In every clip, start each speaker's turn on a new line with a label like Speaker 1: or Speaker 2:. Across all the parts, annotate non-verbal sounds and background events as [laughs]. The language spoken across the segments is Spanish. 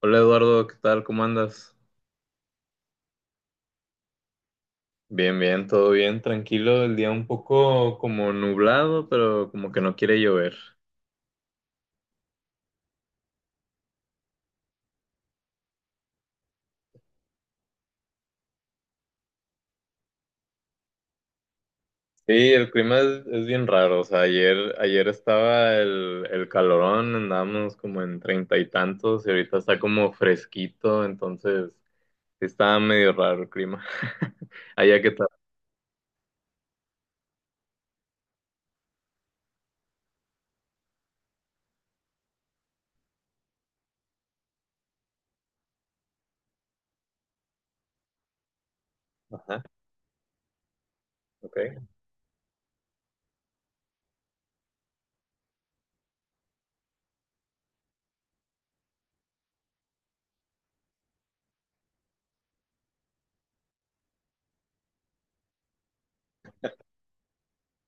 Speaker 1: Hola Eduardo, ¿qué tal? ¿Cómo andas? Bien, bien, todo bien, tranquilo. El día un poco como nublado, pero como que no quiere llover. Sí, el clima es bien raro. O sea, ayer estaba el calorón, andábamos como en treinta y tantos, y ahorita está como fresquito, entonces está medio raro el clima. [laughs] Allá qué tal, ajá, ok.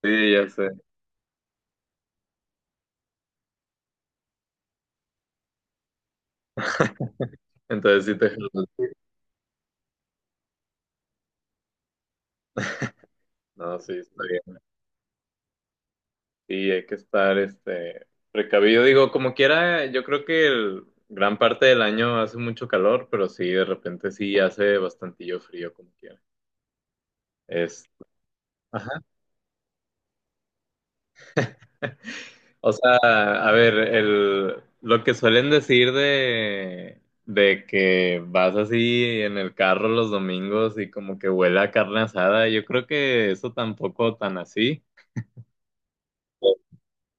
Speaker 1: Sí, ya sé. Entonces sí te... No, sí, está bien. Sí, hay que estar precavido. Digo, como quiera, yo creo que gran parte del año hace mucho calor, pero sí, de repente sí hace bastantillo frío, como quiera. Es, ajá. O sea, a ver, lo que suelen decir de que vas así en el carro los domingos y como que huele a carne asada, yo creo que eso tampoco tan así.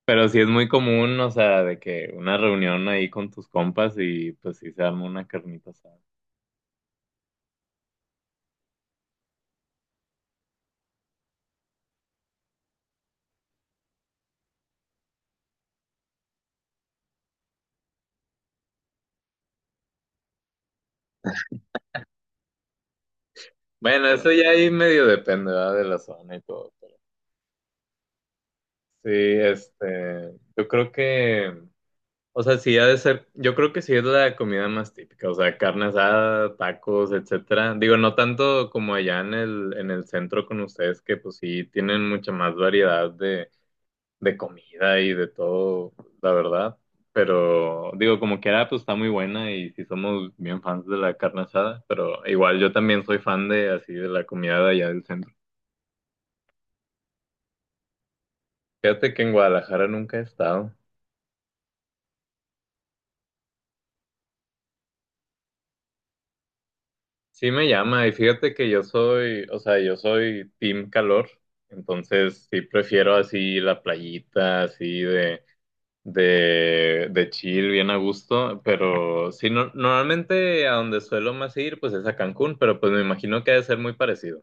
Speaker 1: Pero sí es muy común, o sea, de que una reunión ahí con tus compas y pues sí se arma una carnita asada. Bueno, eso ya ahí medio depende, ¿verdad? De la zona y todo. Sí, yo creo que, o sea, sí ha de ser, yo creo que sí es la comida más típica, o sea, carne asada, tacos, etcétera. Digo, no tanto como allá en en el centro con ustedes, que pues sí tienen mucha más variedad de comida y de todo, la verdad. Pero digo, como quiera, pues está muy buena y sí somos bien fans de la carne asada, pero igual yo también soy fan de así de la comida de allá del centro. Fíjate que en Guadalajara nunca he estado. Sí me llama y fíjate que yo soy, o sea, yo soy team calor, entonces sí prefiero así la playita, así de chill, bien a gusto, pero sí, normalmente a donde suelo más ir, pues es a Cancún, pero pues me imagino que ha de ser muy parecido.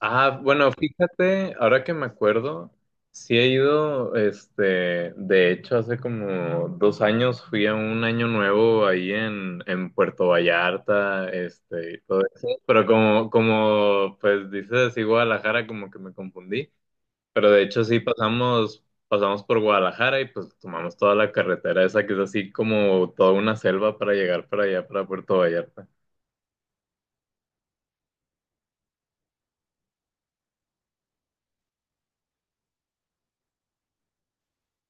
Speaker 1: Ah, bueno, fíjate, ahora que me acuerdo, sí he ido, de hecho, hace como dos años fui a un año nuevo ahí en Puerto Vallarta, y todo eso. Pero pues dices, sí, Guadalajara, como que me confundí. Pero de hecho sí pasamos, pasamos por Guadalajara y pues tomamos toda la carretera esa que es así como toda una selva para llegar para allá, para Puerto Vallarta.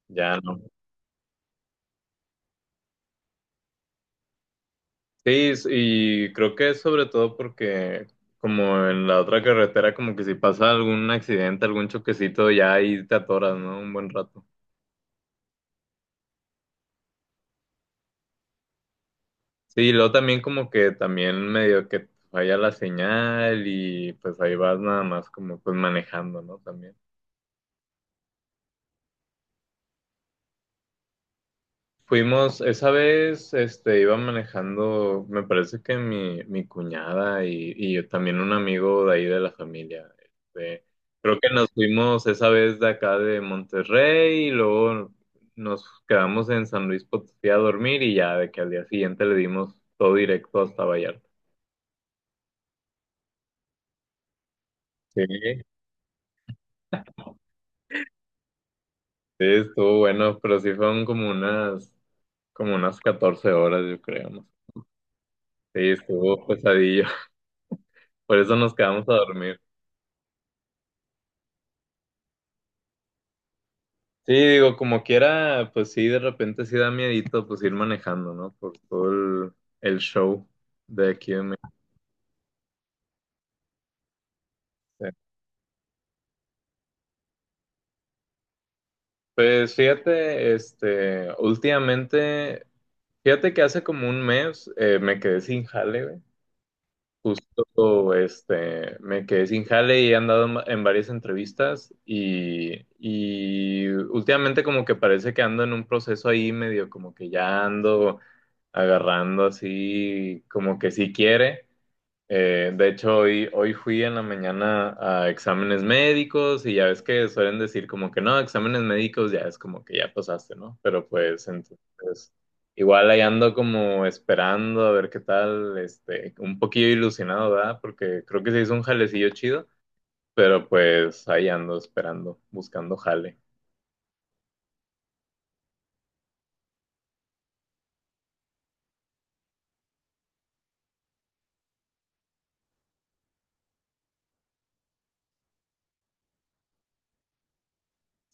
Speaker 1: Ya no. Sí, y creo que es sobre todo porque como en la otra carretera, como que si pasa algún accidente, algún choquecito, ya ahí te atoras, ¿no? Un buen rato. Sí, y luego también como que también medio que falla la señal y pues ahí vas nada más como pues manejando, ¿no? También. Fuimos, esa vez, iba manejando, me parece que mi cuñada y yo también un amigo de ahí de la familia. Creo que nos fuimos esa vez de acá de Monterrey y luego nos quedamos en San Luis Potosí a dormir y ya de que al día siguiente le dimos todo directo hasta Vallarta. Sí, sí, estuvo bueno, pero sí fueron como unas 14 horas, yo creo. ¿No? Sí, estuvo pesadillo. [laughs] Por eso nos quedamos a dormir. Sí, digo, como quiera, pues sí, de repente sí da miedito pues ir manejando, ¿no? Por todo el show de aquí en México. Pues fíjate, últimamente, fíjate que hace como un mes me quedé sin jale, güey. Justo, me quedé sin jale y he andado en varias entrevistas y últimamente como que parece que ando en un proceso ahí medio como que ya ando agarrando así, como que sí quiere. De hecho, hoy fui en la mañana a exámenes médicos y ya ves que suelen decir como que no, exámenes médicos ya es como que ya pasaste, ¿no? Pero pues entonces, igual ahí ando como esperando a ver qué tal, un poquillo ilusionado, ¿verdad? Porque creo que se hizo un jalecillo chido, pero pues ahí ando esperando, buscando jale.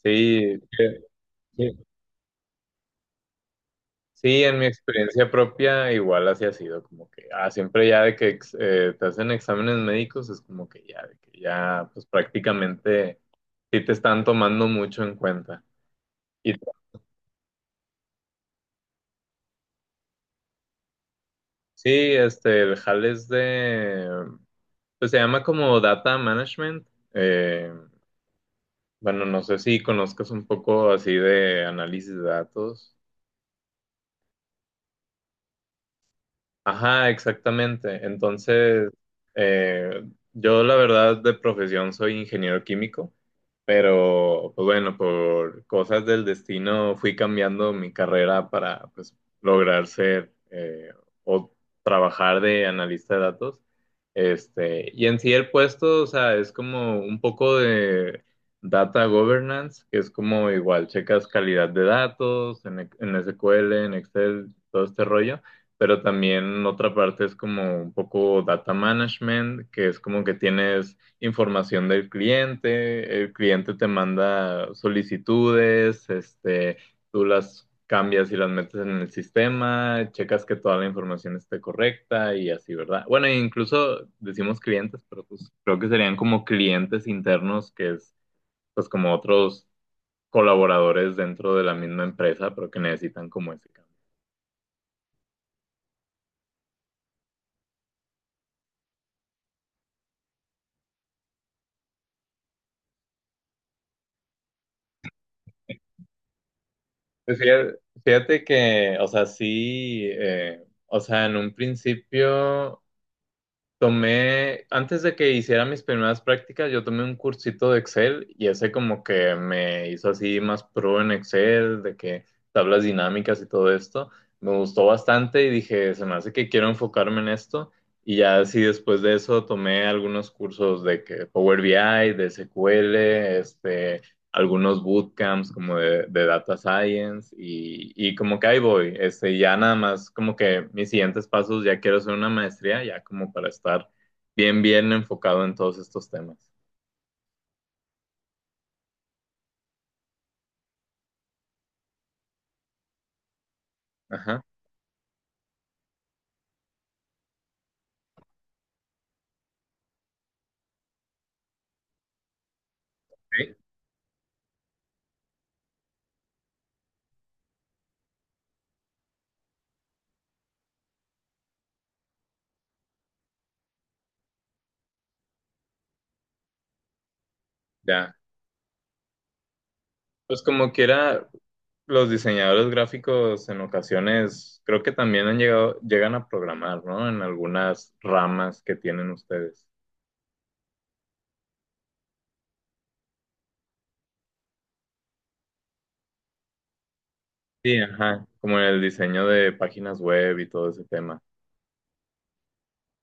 Speaker 1: Sí, sí. Sí, en mi experiencia propia igual así ha sido, como que ah, siempre ya de que te hacen exámenes médicos es como que ya, de que ya pues prácticamente sí te están tomando mucho en cuenta. Y sí, el HAL es de, pues se llama como Data Management. Eh, bueno, no sé si conozcas un poco así de análisis de datos. Ajá, exactamente. Entonces, eh, yo la verdad de profesión soy ingeniero químico, pero pues bueno, por cosas del destino fui cambiando mi carrera para pues lograr ser o trabajar de analista de datos. Y en sí el puesto, o sea, es como un poco de data governance, que es como igual checas calidad de datos E, en SQL, en Excel, todo este rollo, pero también otra parte es como un poco data management, que es como que tienes información del cliente, el cliente te manda solicitudes, tú las cambias y las metes en el sistema, checas que toda la información esté correcta y así, ¿verdad? Bueno, e incluso decimos clientes, pero pues creo que serían como clientes internos, que es pues como otros colaboradores dentro de la misma empresa, pero que necesitan como ese cambio. Pues fíjate que, o sea, sí, o sea, en un principio tomé, antes de que hiciera mis primeras prácticas, yo tomé un cursito de Excel y ese como que me hizo así más pro en Excel, de que tablas dinámicas y todo esto. Me gustó bastante y dije, se me hace que quiero enfocarme en esto. Y ya así después de eso tomé algunos cursos de que Power BI, de SQL, algunos bootcamps como de data science y como que ahí voy, ya nada más como que mis siguientes pasos, ya quiero hacer una maestría, ya como para estar bien enfocado en todos estos temas. Ajá, sí ya. Pues como quiera, los diseñadores gráficos en ocasiones creo que también han llegado, llegan a programar, ¿no? En algunas ramas que tienen ustedes. Sí, ajá, como en el diseño de páginas web y todo ese tema.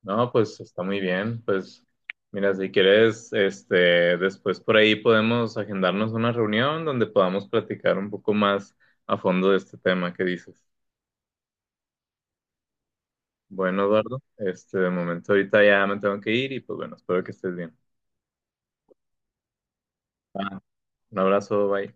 Speaker 1: No, pues está muy bien. Pues mira, si quieres, después por ahí podemos agendarnos una reunión donde podamos platicar un poco más a fondo de este tema que dices. Bueno, Eduardo, de momento ahorita ya me tengo que ir y pues bueno, espero que estés bien. Va. Un abrazo, bye.